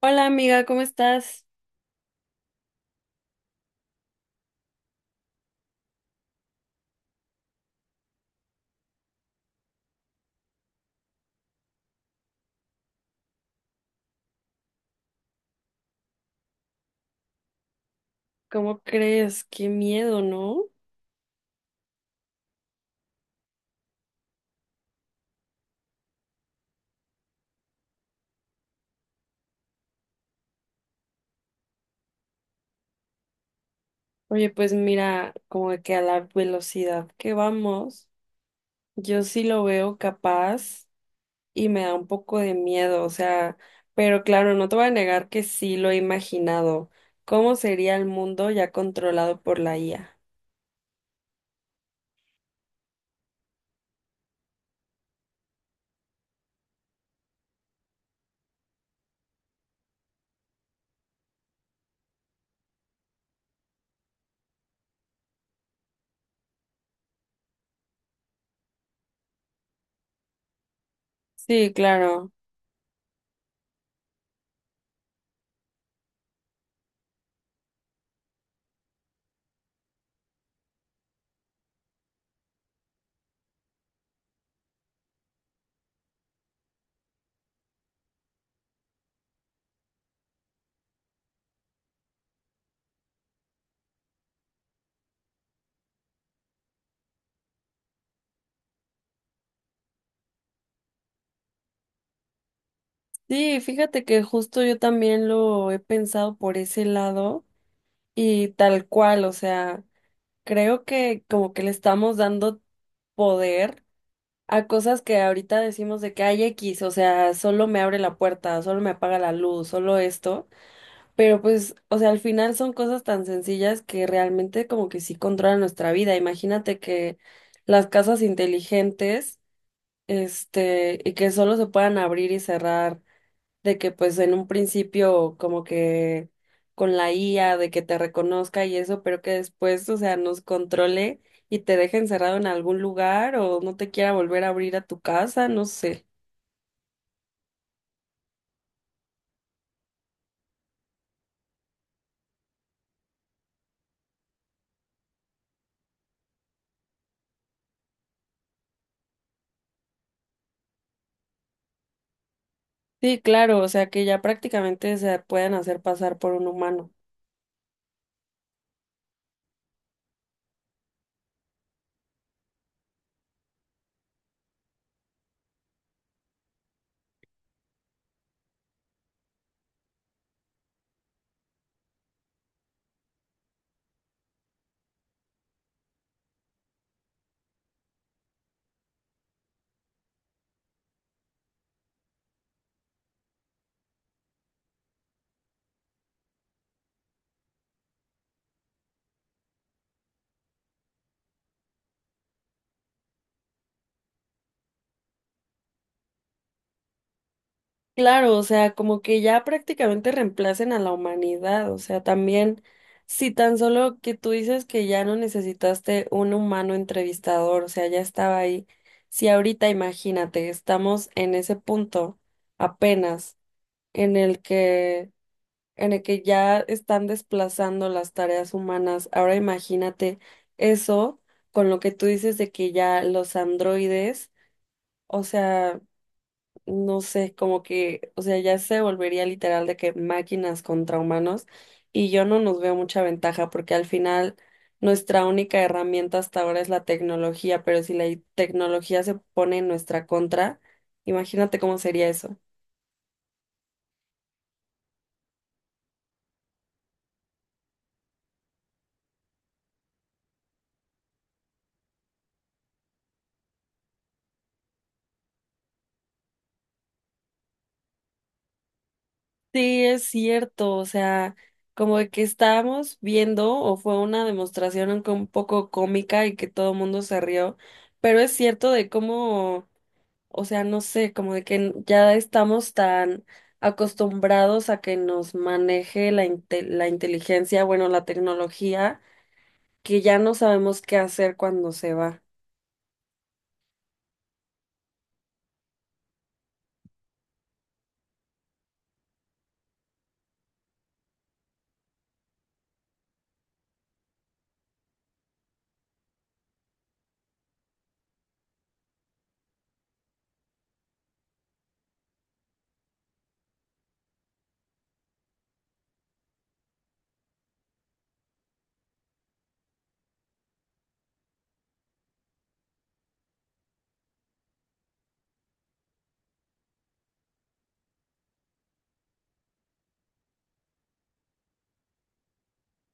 Hola amiga, ¿cómo estás? ¿Cómo crees? Qué miedo, ¿no? Oye, pues mira, como que a la velocidad que vamos, yo sí lo veo capaz y me da un poco de miedo, o sea, pero claro, no te voy a negar que sí lo he imaginado. ¿Cómo sería el mundo ya controlado por la IA? Sí, claro. Sí, fíjate que justo yo también lo he pensado por ese lado y tal cual, o sea. Creo que como que le estamos dando poder a cosas que ahorita decimos de que hay X, o sea, solo me abre la puerta, solo me apaga la luz, solo esto, pero pues, o sea, al final son cosas tan sencillas que realmente como que sí controlan nuestra vida. Imagínate que las casas inteligentes, este, y que solo se puedan abrir y cerrar de que pues en un principio como que con la IA, de que te reconozca y eso, pero que después, o sea, nos controle y te deje encerrado en algún lugar o no te quiera volver a abrir a tu casa, no sé. Sí, claro, o sea, que ya prácticamente se pueden hacer pasar por un humano. Claro, o sea, como que ya prácticamente reemplacen a la humanidad, o sea, también, si tan solo que tú dices que ya no necesitaste un humano entrevistador, o sea, ya estaba ahí, si ahorita imagínate, estamos en ese punto apenas en el que, en el que ya están desplazando las tareas humanas, ahora imagínate eso con lo que tú dices de que ya los androides, o sea no sé, como que, o sea, ya se volvería literal de que máquinas contra humanos y yo no nos veo mucha ventaja porque al final nuestra única herramienta hasta ahora es la tecnología, pero si la tecnología se pone en nuestra contra, imagínate cómo sería eso. Sí, es cierto, o sea, como de que estábamos viendo o fue una demostración un poco cómica y que todo el mundo se rió, pero es cierto de cómo. O sea, no sé, como de que ya estamos tan acostumbrados a que nos maneje la, la inteligencia, bueno, la tecnología, que ya no sabemos qué hacer cuando se va.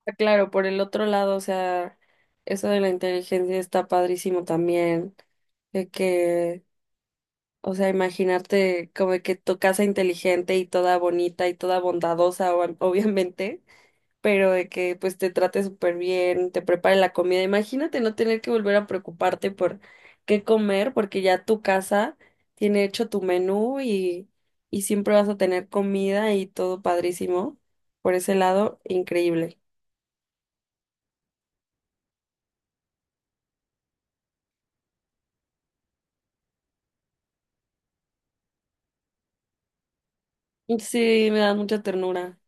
Ah, claro, por el otro lado, o sea, eso de la inteligencia está padrísimo también, de que, o sea, imaginarte como de que tu casa inteligente y toda bonita y toda bondadosa, obviamente, pero de que pues te trate súper bien, te prepare la comida. Imagínate no tener que volver a preocuparte por qué comer, porque ya tu casa tiene hecho tu menú y siempre vas a tener comida y todo padrísimo. Por ese lado, increíble. Sí, me da mucha ternura.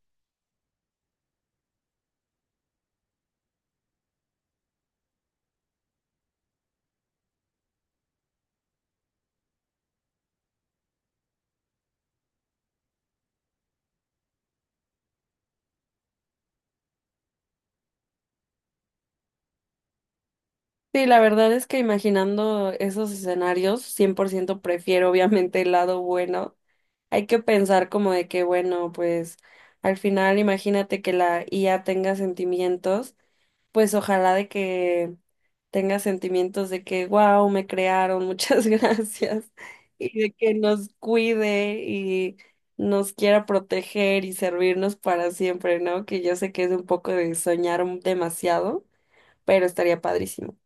Sí, la verdad es que imaginando esos escenarios, 100% prefiero obviamente el lado bueno. Hay que pensar como de que, bueno, pues al final imagínate que la IA tenga sentimientos, pues ojalá de que tenga sentimientos de que, wow, me crearon, muchas gracias, y de que nos cuide y nos quiera proteger y servirnos para siempre, ¿no? Que yo sé que es un poco de soñar demasiado, pero estaría padrísimo.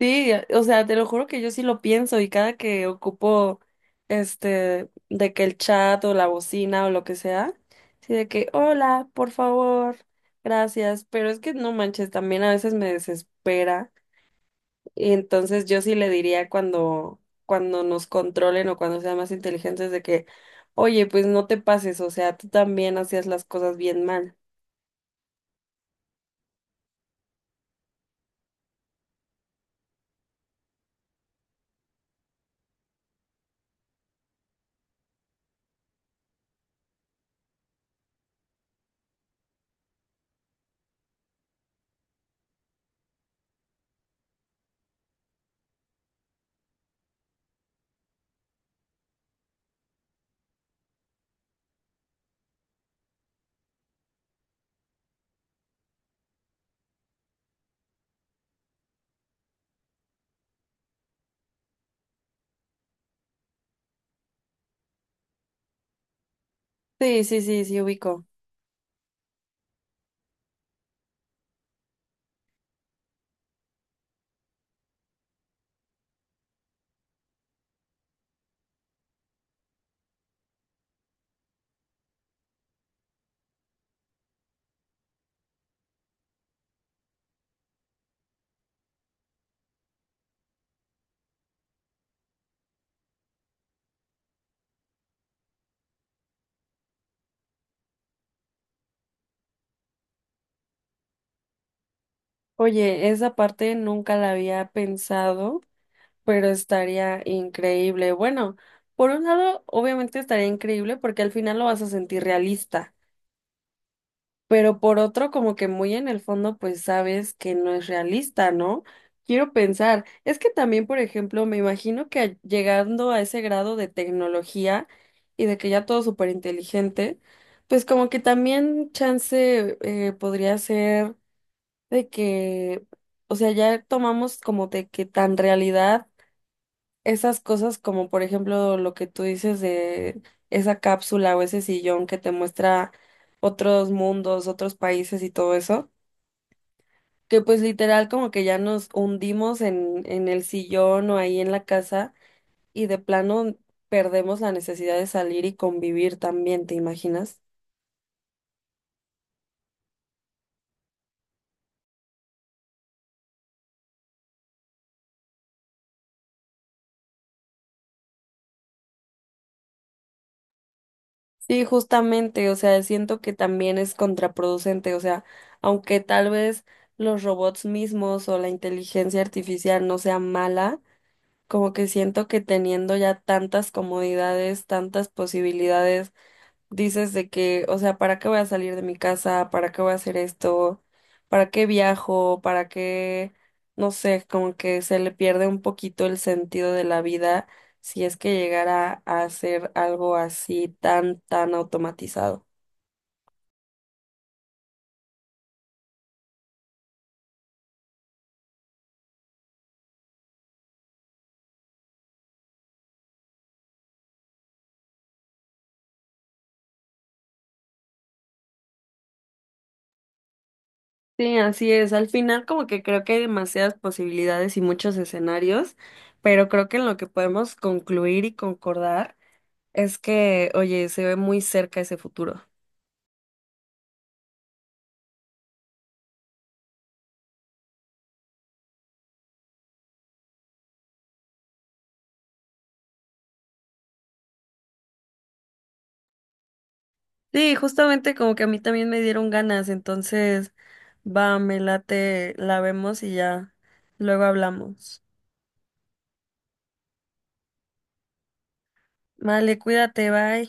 Sí, o sea, te lo juro que yo sí lo pienso y cada que ocupo este de que el chat o la bocina o lo que sea, sí de que hola, por favor, gracias, pero es que no manches, también a veces me desespera y entonces yo sí le diría cuando cuando nos controlen o cuando sean más inteligentes de que, "Oye, pues no te pases, o sea, tú también hacías las cosas bien mal." Sí, sí, sí, sí ubico. Oye, esa parte nunca la había pensado. Pero estaría increíble. Bueno, por un lado, obviamente estaría increíble porque al final lo vas a sentir realista, pero por otro, como que muy en el fondo, pues sabes que no es realista, ¿no? Quiero pensar, es que también, por ejemplo, me imagino que llegando a ese grado de tecnología y de que ya todo súper inteligente, pues como que también chance podría ser de que, o sea, ya tomamos como de que tan realidad esas cosas como por ejemplo lo que tú dices de esa cápsula o ese sillón que te muestra otros mundos, otros países y todo eso, que pues literal como que ya nos hundimos en el sillón o ahí en la casa y de plano perdemos la necesidad de salir y convivir también, ¿te imaginas? Sí, justamente, o sea, siento que también es contraproducente, o sea, aunque tal vez los robots mismos o la inteligencia artificial no sea mala, como que siento que teniendo ya tantas comodidades, tantas posibilidades, dices de que, o sea, ¿para qué voy a salir de mi casa? ¿Para qué voy a hacer esto? ¿Para qué viajo? ¿Para qué? No sé, como que se le pierde un poquito el sentido de la vida si es que llegara a hacer algo así tan, tan automatizado. Sí, así es. Al final como que creo que hay demasiadas posibilidades y muchos escenarios, pero creo que en lo que podemos concluir y concordar es que, oye, se ve muy cerca ese futuro. Sí, justamente como que a mí también me dieron ganas, entonces va, me late, la vemos y ya luego hablamos. Vale, cuídate, bye.